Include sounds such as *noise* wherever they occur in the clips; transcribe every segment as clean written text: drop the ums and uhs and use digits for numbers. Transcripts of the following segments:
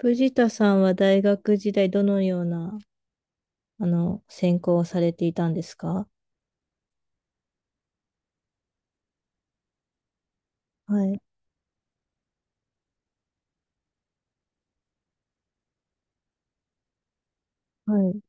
藤田さんは大学時代どのような、専攻をされていたんですか？はい。はい。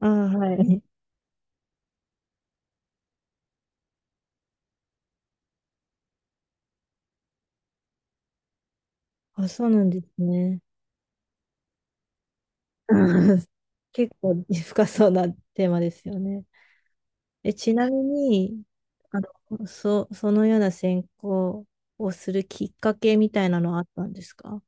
ああ、はい。あ、そうなんですね。うん。 *laughs* 結構深そうなテーマですよね。え、ちなみに、あそのような専攻をするきっかけみたいなのはあったんですか？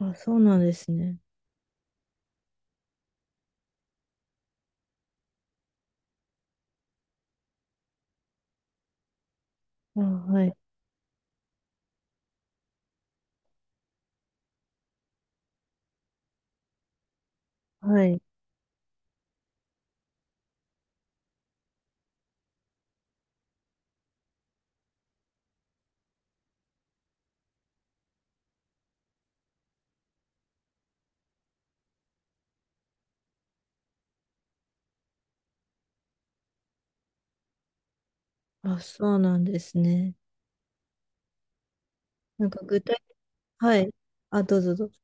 あ、そうなんですね。あ、はい。はい。あ、そうなんですね。なんか具体、はい。あ、どうぞどうぞ。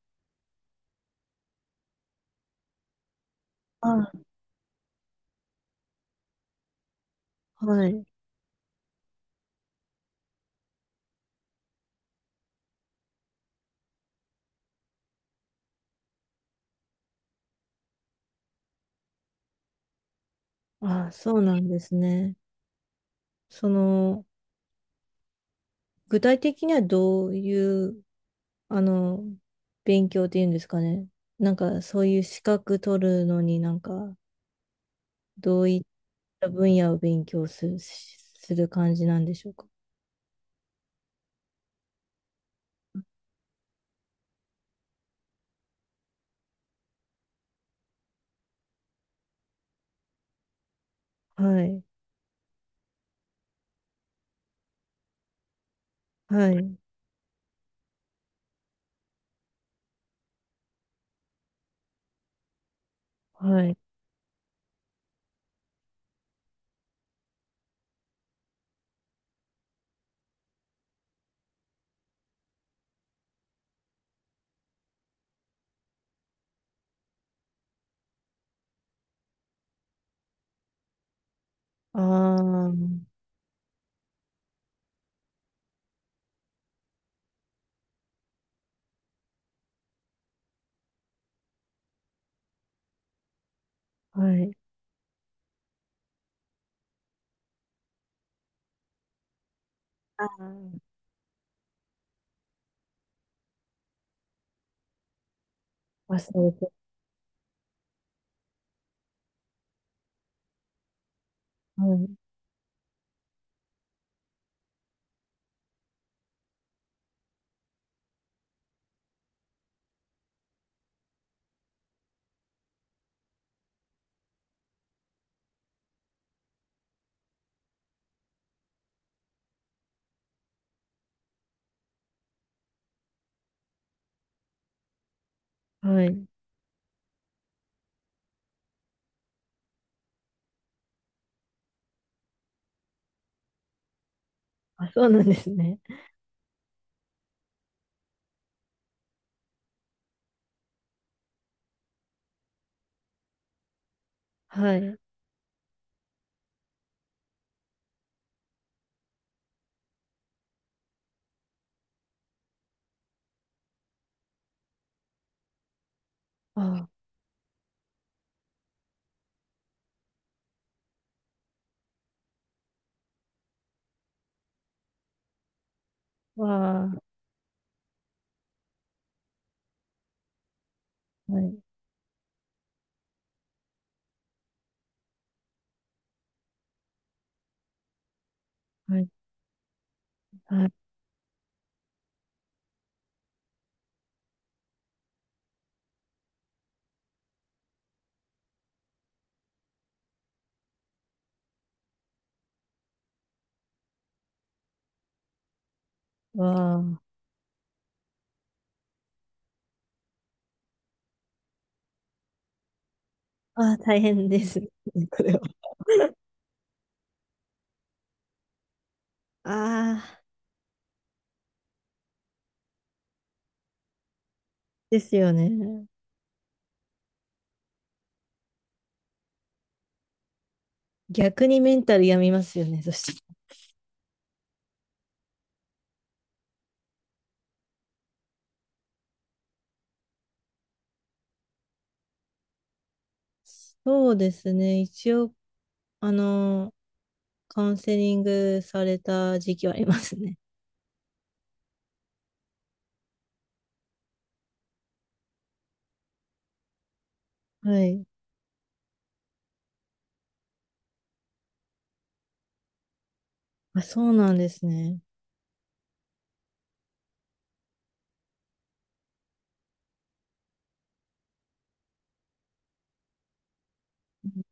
あ、はい。ああ、そうなんですね。その、具体的にはどういう、あの、勉強っていうんですかね。なんか、そういう資格取るのになんか、どういった分野を勉強する感じなんでしょうか。はい、はい、はい。ああ、はい。ああ、忘れて。はい、はい。あ、そうなんですね。はい。ああ、わあ、はい、はい、はい、わあ。ああ、大変ですね。*laughs* これは。ああ、ですよね。逆にメンタル病みますよね。そして。そうですね。一応、あの、カウンセリングされた時期はありますね。はい。あ、そうなんですね。うん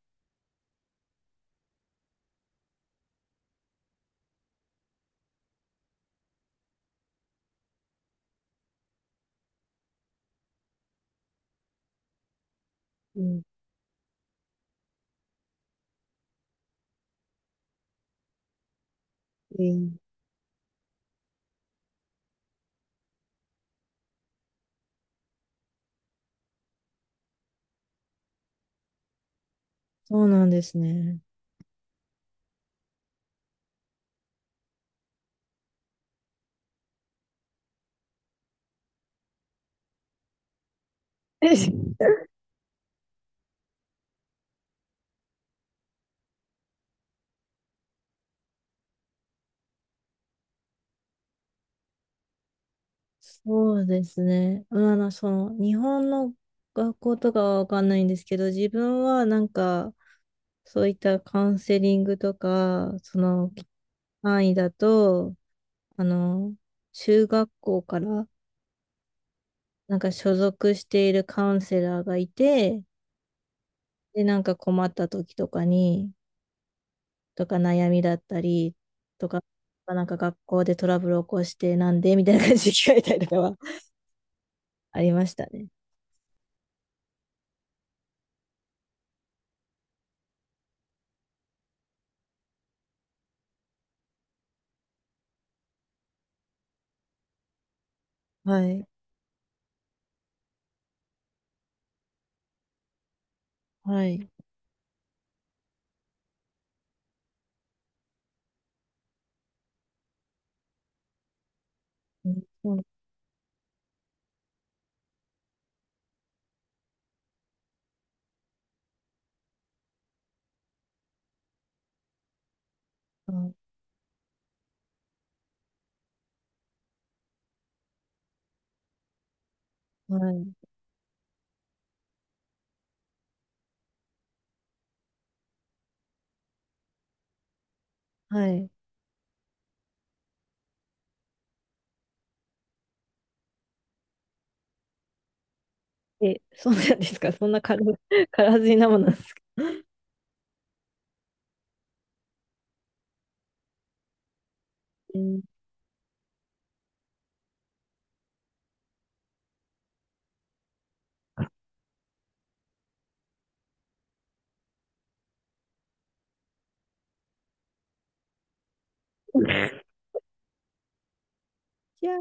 うん、そうなんですね。*laughs* そうですね。まあ、その、日本の学校とかはわかんないんですけど、自分はなんか、そういったカウンセリングとか、その範囲だと、あの、中学校からなんか所属しているカウンセラーがいて、で、なんか困った時とかに、とか悩みだったりとか、なんか学校でトラブル起こしてなんでみたいな感じで聞かれたりとかは *laughs* ありましたね。はい。はい。うん、そうか。はい。はい。え、そうなんですか？そんな*laughs* 軽はずみなものなんですか？うん、いや、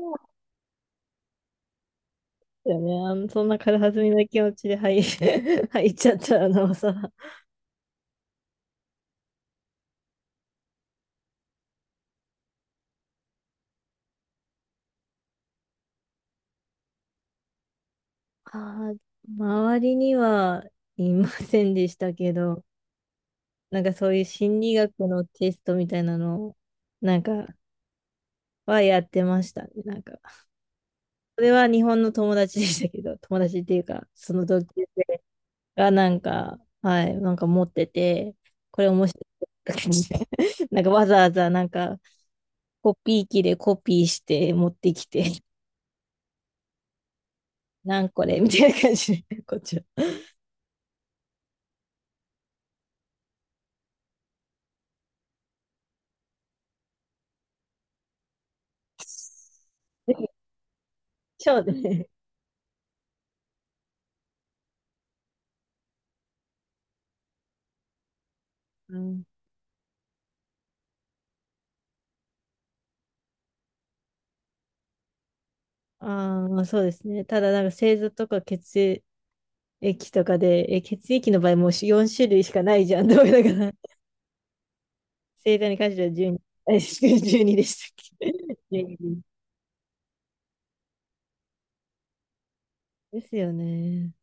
よね。そんな軽はずみな気持ちで*laughs* 入っちゃったらなおさら。あー、周りにはいませんでしたけど、なんかそういう心理学のテストみたいなのを、なんか、はやってましたね。なんか、それは日本の友達でしたけど、友達っていうか、その同級生がなんか、はい、なんか持ってて、これ面白い。*laughs* なんかわざわざなんか、コピー機でコピーして持ってきてなんこれ、 *laughs* みたいな感じで、こっちは。*laughs* そうね。うん。ああ、そうですね。ただ、なんか星座とか血液とかで、え、血液の場合もう4種類しかないじゃん。どうだから、*laughs* 星座に関しては12、あ12 *laughs* でしたっけ？12 *laughs* ですよね。